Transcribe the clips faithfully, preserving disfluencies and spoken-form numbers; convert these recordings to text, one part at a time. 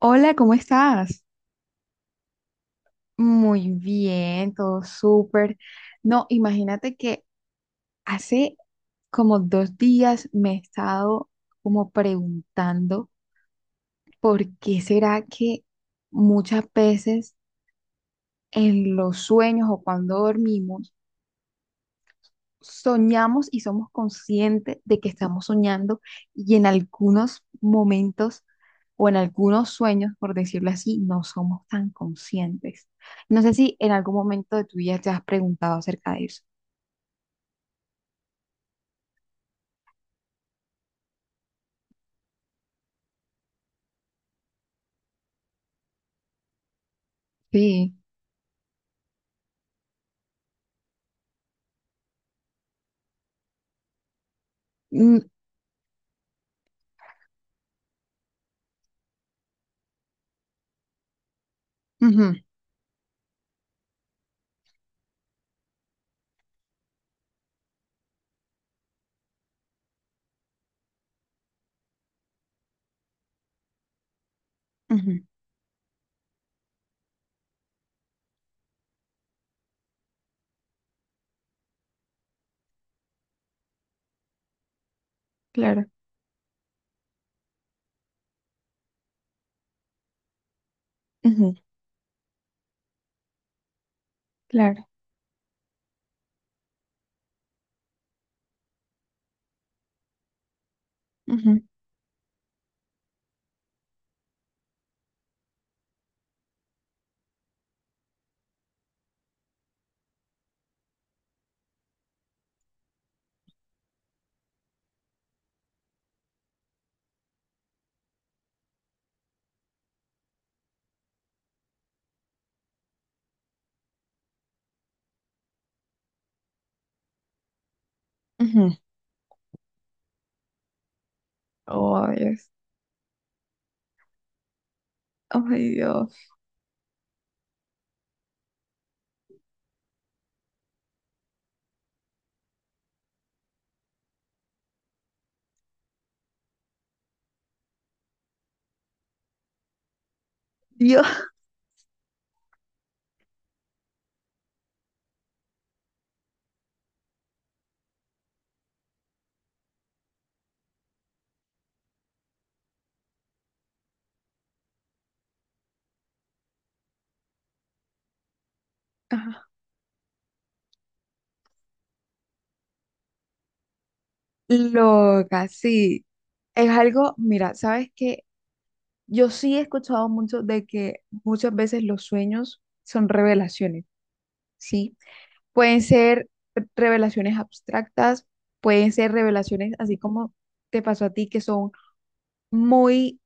Hola, ¿cómo estás? Muy bien, todo súper. No, imagínate que hace como dos días me he estado como preguntando por qué será que muchas veces en los sueños o cuando dormimos soñamos y somos conscientes de que estamos soñando, y en algunos momentos o en algunos sueños, por decirlo así, no somos tan conscientes. No sé si en algún momento de tu vida te has preguntado acerca de eso. Sí. Mm. Ujú. Ujú, claro. Ujú, claro. Ujú. Ujú. Oh Dios. Ay Dios. Dios. Ajá. Loca, sí. Es algo, mira, ¿sabes qué? Yo sí he escuchado mucho de que muchas veces los sueños son revelaciones, ¿sí? Pueden ser revelaciones abstractas, pueden ser revelaciones así como te pasó a ti, que son muy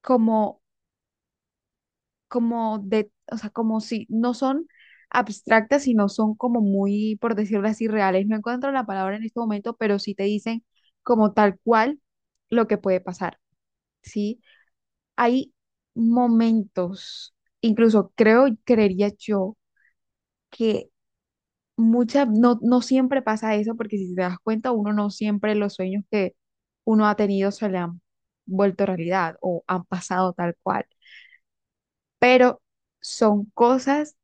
como, como de, o sea, como si no son abstractas, sino son como muy, por decirlo así, reales. No encuentro la palabra en este momento, pero sí te dicen como tal cual lo que puede pasar, ¿sí? Hay momentos, incluso creo, y creería yo, que muchas, no, no siempre pasa eso, porque si te das cuenta, uno no siempre los sueños que uno ha tenido se le han vuelto realidad o han pasado tal cual, pero son cosas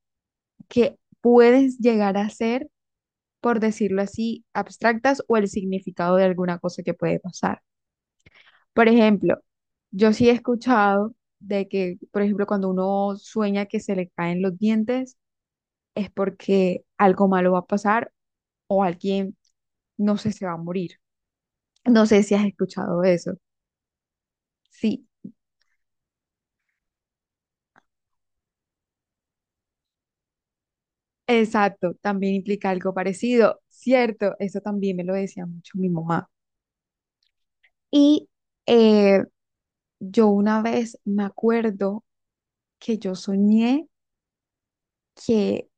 que puedes llegar a ser, por decirlo así, abstractas o el significado de alguna cosa que puede pasar. Por ejemplo, yo sí he escuchado de que, por ejemplo, cuando uno sueña que se le caen los dientes, es porque algo malo va a pasar o alguien, no sé, se va a morir. No sé si has escuchado eso. Sí, exacto, también implica algo parecido. Cierto, eso también me lo decía mucho mi mamá. Y eh, yo una vez me acuerdo que yo soñé que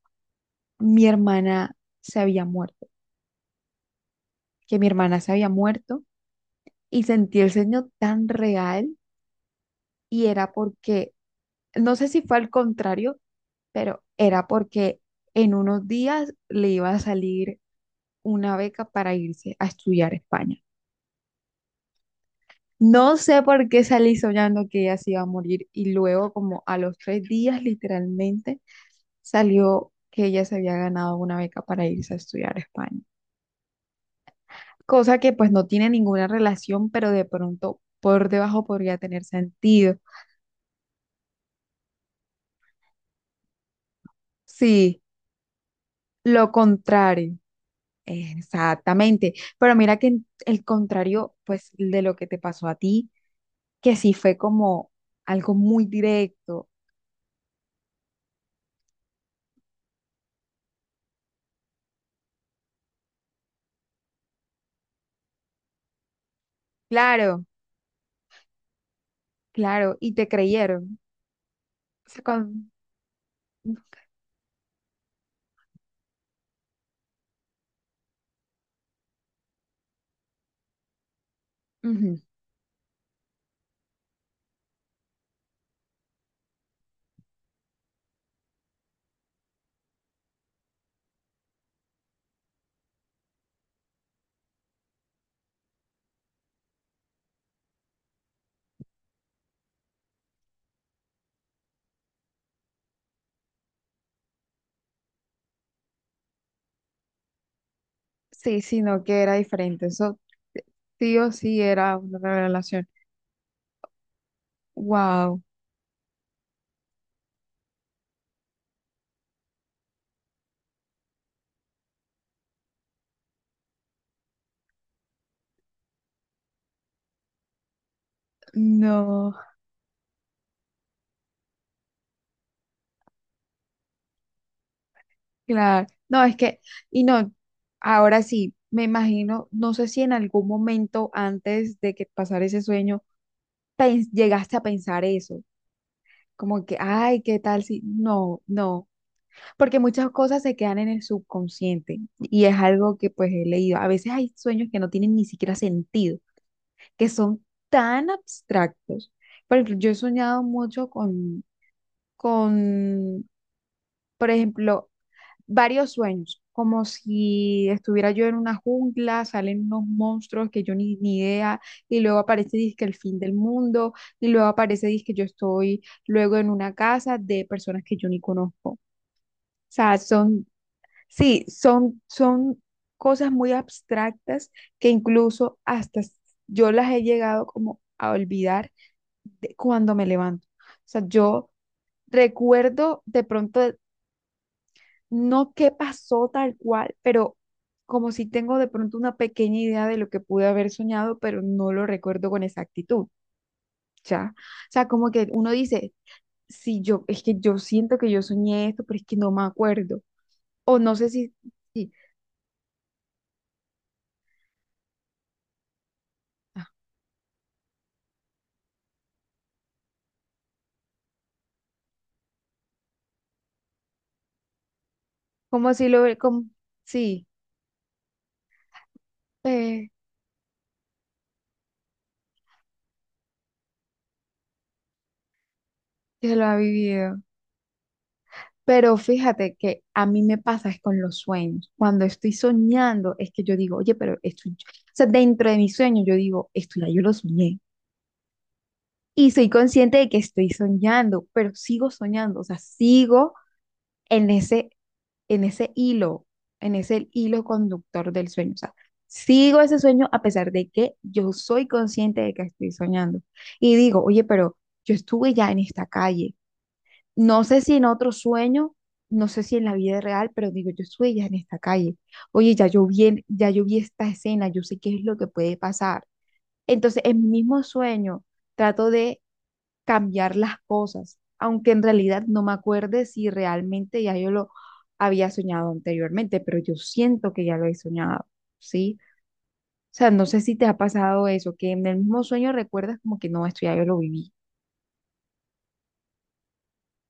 mi hermana se había muerto, que mi hermana se había muerto, y sentí el sueño tan real, y era porque, no sé si fue al contrario, pero era porque en unos días le iba a salir una beca para irse a estudiar a España. No sé por qué salí soñando que ella se iba a morir y luego como a los tres días literalmente salió que ella se había ganado una beca para irse a estudiar a España. Cosa que pues no tiene ninguna relación, pero de pronto por debajo podría tener sentido. Sí, lo contrario. Exactamente, pero mira que en- el contrario, pues, de lo que te pasó a ti, que sí fue como algo muy directo. Claro, claro, y te creyeron. O sea, con... Ujú. Sí, sí, no, que era diferente. Eso sí o sí era una relación. Wow, no, claro. No, es que, y no, ahora sí, me imagino, no sé si en algún momento antes de que pasara ese sueño, pens- llegaste a pensar eso. Como que, ay, ¿qué tal si? No, no, porque muchas cosas se quedan en el subconsciente y es algo que pues he leído. A veces hay sueños que no tienen ni siquiera sentido, que son tan abstractos. Por ejemplo, yo he soñado mucho con, con, por ejemplo, varios sueños, como si estuviera yo en una jungla, salen unos monstruos que yo ni, ni idea, y luego aparece dizque el fin del mundo, y luego aparece dizque yo estoy luego en una casa de personas que yo ni conozco. O sea, son, sí, son, son cosas muy abstractas que incluso hasta s- yo las he llegado como a olvidar de- cuando me levanto. O sea, yo recuerdo de pronto no qué pasó tal cual, pero como si tengo de pronto una pequeña idea de lo que pude haber soñado, pero no lo recuerdo con exactitud, ¿ya? O sea, como que uno dice, sí, yo, es que yo siento que yo soñé esto, pero es que no me acuerdo. O no sé si, sí, ah, como si lo, como, sí, eh, que lo ha vivido. Pero fíjate que a mí me pasa es con los sueños. Cuando estoy soñando, es que yo digo, oye, pero esto, yo-". O sea, dentro de mis sueños yo digo, esto ya yo lo soñé. Y soy consciente de que estoy soñando, pero sigo soñando, o sea, sigo en ese, en ese hilo, en ese hilo conductor del sueño. O sea, sigo ese sueño a pesar de que yo soy consciente de que estoy soñando. Y digo, oye, pero yo estuve ya en esta calle. No sé si en otro sueño, no sé si en la vida real, pero digo, yo estuve ya en esta calle. Oye, ya yo vi, en- ya yo vi esta escena, yo sé qué es lo que puede pasar. Entonces, en mi mismo sueño, trato de cambiar las cosas, aunque en realidad no me acuerde si realmente ya yo lo había soñado anteriormente, pero yo siento que ya lo he soñado, ¿sí? O sea, no sé si te ha pasado eso, que en el mismo sueño recuerdas como que no, esto ya yo lo viví.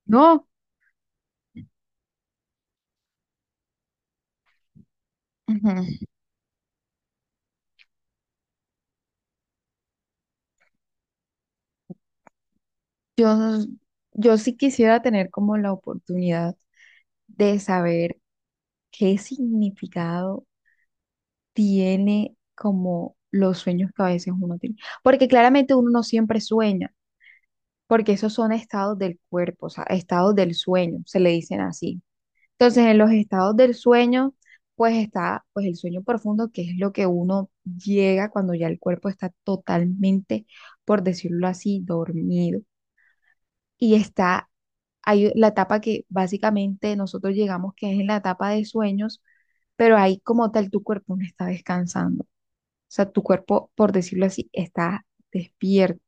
No, ujú. Yo, yo sí quisiera tener como la oportunidad de saber qué significado tiene como los sueños que a veces uno tiene, porque claramente uno no siempre sueña. Porque esos son estados del cuerpo, o sea, estados del sueño, se le dicen así. Entonces, en los estados del sueño, pues está pues el sueño profundo, que es lo que uno llega cuando ya el cuerpo está totalmente, por decirlo así, dormido. Y está hay la etapa que básicamente nosotros llegamos, que es en la etapa de sueños, pero ahí como tal tu cuerpo no está descansando. O sea, tu cuerpo, por decirlo así, está despierto.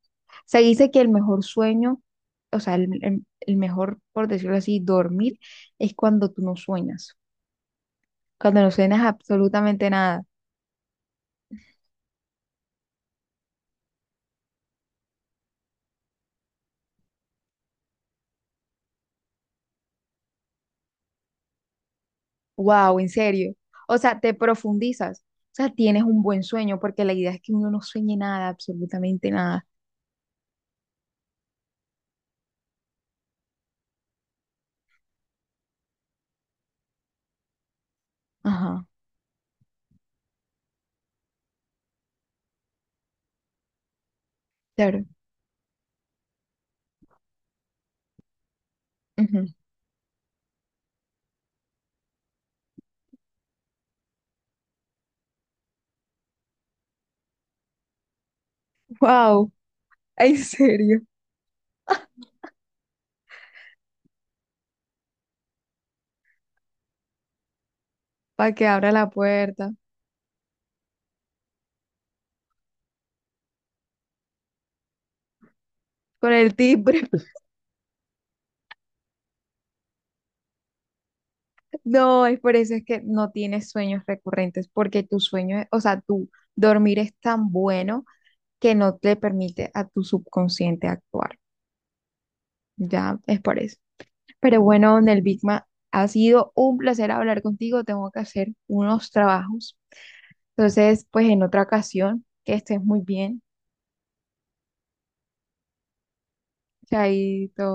Se dice que el mejor sueño, o sea, el, el- el mejor, por decirlo así, dormir es cuando tú no sueñas, cuando no sueñas absolutamente nada. Wow, en serio. O sea, te profundizas. O sea, tienes un buen sueño porque la idea es que uno no sueñe nada, absolutamente nada. Ajá, claro. Wow, en serio. Para que abra la puerta con el timbre. No, es por eso es que no tienes sueños recurrentes porque tu sueño, es- o sea, tu dormir es tan bueno que no te permite a tu subconsciente actuar. Ya es por eso. Pero bueno, Nelvigma, ha sido un placer hablar contigo. Tengo que hacer unos trabajos. Entonces, pues en otra ocasión, que estés muy bien. Chaito.